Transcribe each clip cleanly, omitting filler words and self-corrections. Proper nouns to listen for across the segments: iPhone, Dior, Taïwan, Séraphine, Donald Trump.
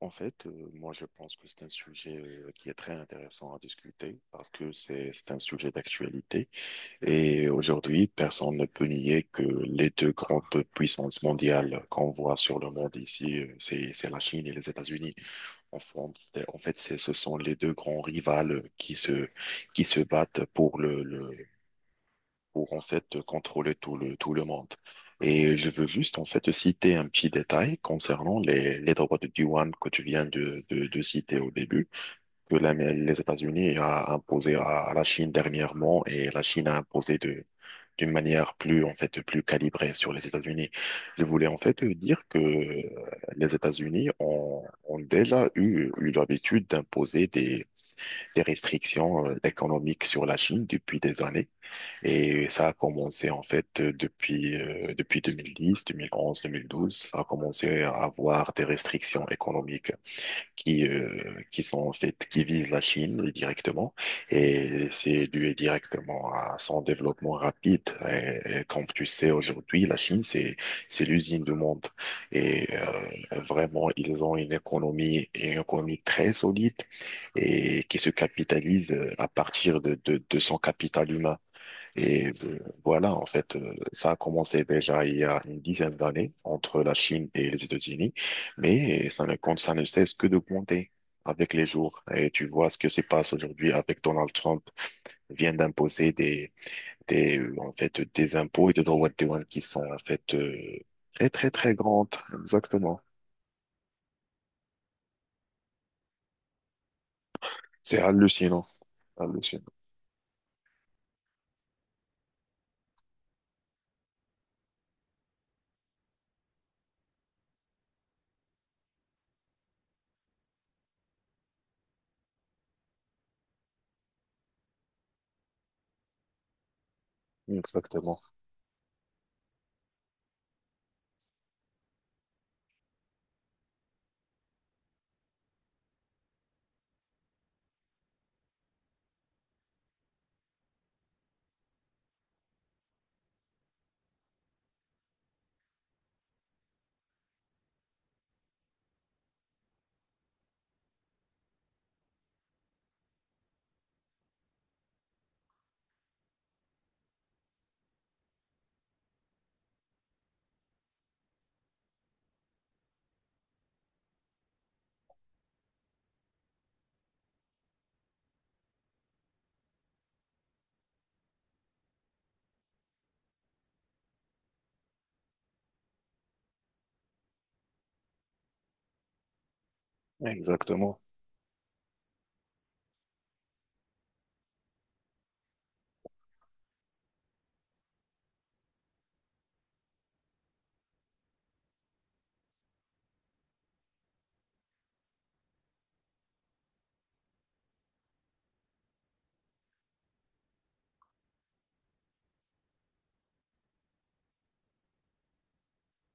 En fait, moi, je pense que c'est un sujet qui est très intéressant à discuter parce que c'est un sujet d'actualité. Et aujourd'hui, personne ne peut nier que les deux grandes puissances mondiales qu'on voit sur le monde ici, c'est la Chine et les États-Unis. En, fond- en fait, ce sont les deux grands rivales qui se battent pour le pour en fait contrôler tout le monde. Et je veux juste en fait citer un petit détail concernant les droits de douane que tu viens de citer au début, les États-Unis a imposé à la Chine dernièrement et la Chine a imposé de d'une manière plus en fait plus calibrée sur les États-Unis. Je voulais en fait dire que les États-Unis ont déjà eu l'habitude d'imposer des restrictions économiques sur la Chine depuis des années. Et ça a commencé en fait depuis 2010, 2011, 2012. Ça a commencé à avoir des restrictions économiques qui sont en fait, qui visent la Chine, oui, directement. Et c'est dû directement à son développement rapide. Et comme tu sais, aujourd'hui, la Chine, c'est l'usine du monde. Et vraiment, ils ont une économie très solide et qui se capitalise à partir de son capital humain. Et euh, ça a commencé déjà il y a une dizaine d'années entre la Chine et les États-Unis, mais ça ne compte, ça ne cesse que d'augmenter avec les jours. Et tu vois ce que se passe aujourd'hui avec Donald Trump. Il vient d'imposer en fait, des impôts et des droits de douane qui sont en fait très très très grandes. Exactement. C'est hallucinant, hallucinant. Exactement, exactement,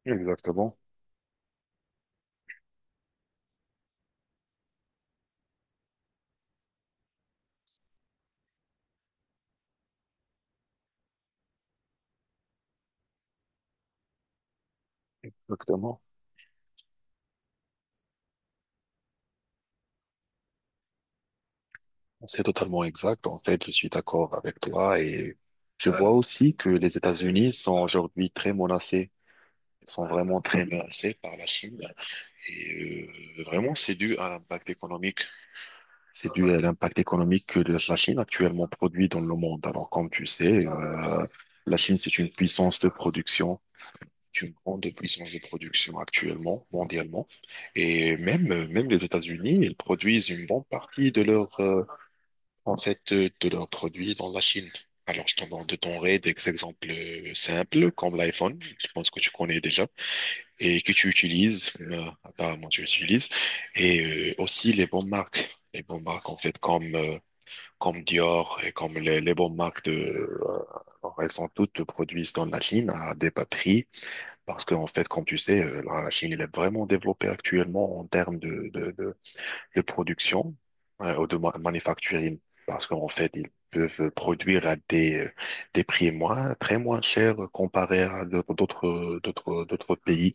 exactement, exactement. C'est totalement exact. En fait, je suis d'accord avec toi et je vois aussi que les États-Unis sont aujourd'hui très menacés. Ils sont vraiment très menacés par la Chine. Et vraiment, c'est dû à l'impact économique. C'est dû à l'impact économique que la Chine actuellement produit dans le monde. Alors, comme tu sais, la Chine, c'est une puissance de production. C'est une grande puissance de production actuellement, mondialement. Et même, même les États-Unis, ils produisent une bonne partie de leur de leurs produits dans la Chine. Alors, je t'en donne des exemples simples, comme l'iPhone, je pense que tu connais déjà, et que tu utilises, apparemment tu utilises, et aussi les bonnes marques, en fait, comme Dior et comme les bonnes marques de... alors, elles sont toutes produites dans la Chine à des bas prix, parce que en fait, comme tu sais, la Chine, elle est vraiment développée actuellement en termes de production, hein, ou de manufacturier, parce qu'en fait, ils peuvent produire à des prix moins, très moins chers comparé à d'autres pays.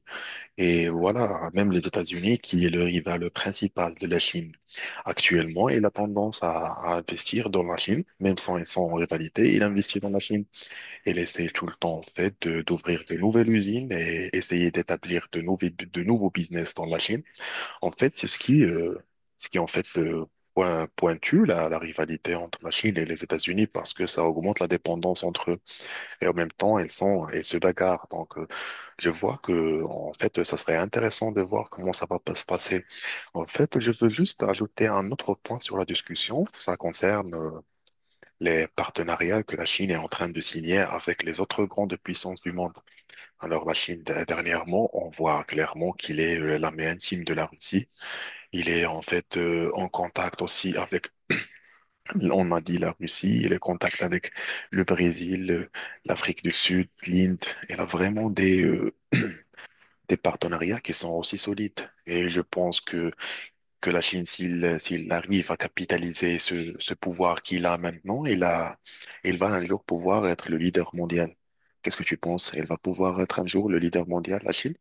Et voilà, même les États-Unis, qui est le rival principal de la Chine actuellement, il a tendance à investir dans la Chine, même sans ils sont en rivalité, il investit dans la Chine. Il essaie tout le temps, en fait, d'ouvrir de nouvelles usines et essayer d'établir de nouveaux business dans la Chine. En fait, c'est ce qui en fait pointue la rivalité entre la Chine et les États-Unis parce que ça augmente la dépendance entre eux et en même temps elles se bagarrent. Donc je vois que en fait ça serait intéressant de voir comment ça va pas se passer. En fait, je veux juste ajouter un autre point sur la discussion. Ça concerne les partenariats que la Chine est en train de signer avec les autres grandes puissances du monde. Alors la Chine dernièrement, on voit clairement qu'il est la main intime de la Russie. Il est en fait en contact aussi avec, on a dit la Russie, il est en contact avec le Brésil, l'Afrique du Sud, l'Inde. Il a vraiment des partenariats qui sont aussi solides. Et je pense que la Chine, s'il arrive à capitaliser ce pouvoir qu'il a maintenant, il a, il va un jour pouvoir être le leader mondial. Qu'est-ce que tu penses? Elle va pouvoir être un jour le leader mondial, la Chine?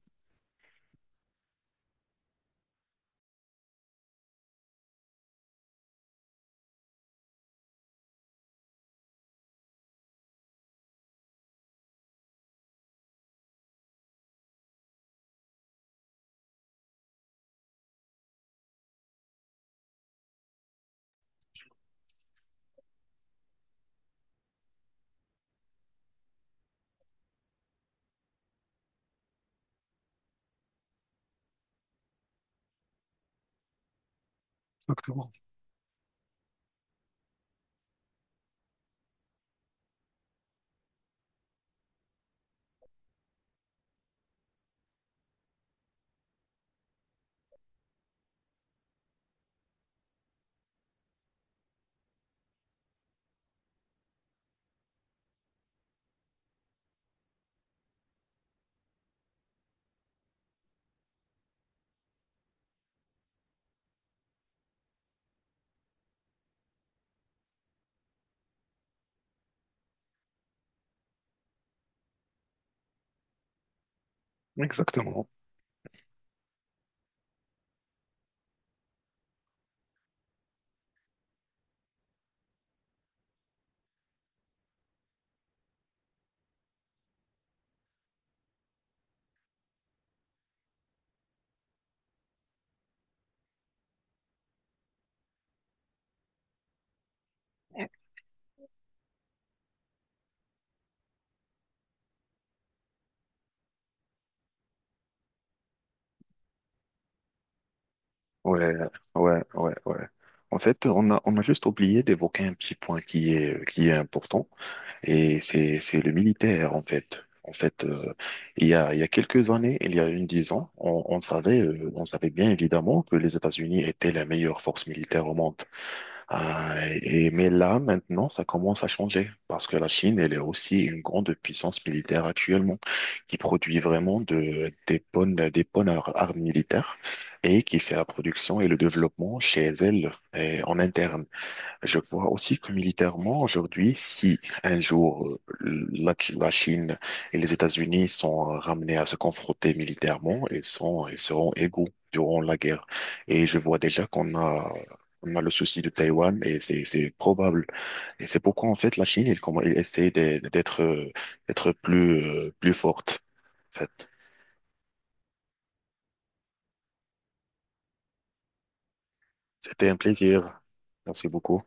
Exactement. Ouais, ouais, ouais, ouais. En fait, on a juste oublié d'évoquer un petit point qui qui est important, et c'est le militaire, en fait. En fait, il y a quelques années, il y a une dix ans, on savait bien évidemment que les États-Unis étaient la meilleure force militaire au monde. Mais là, maintenant, ça commence à changer parce que la Chine, elle est aussi une grande puissance militaire actuellement qui produit vraiment des bonnes armes militaires et qui fait la production et le développement chez elle et en interne. Je vois aussi que militairement, aujourd'hui, si un jour la Chine et les États-Unis sont ramenés à se confronter militairement, ils seront égaux durant la guerre. Et je vois déjà qu'on a, on a le souci de Taïwan et c'est probable. Et c'est pourquoi, en fait, la Chine, elle, elle essaie d'être, d'être plus, plus forte, en fait. C'était un plaisir. Merci beaucoup.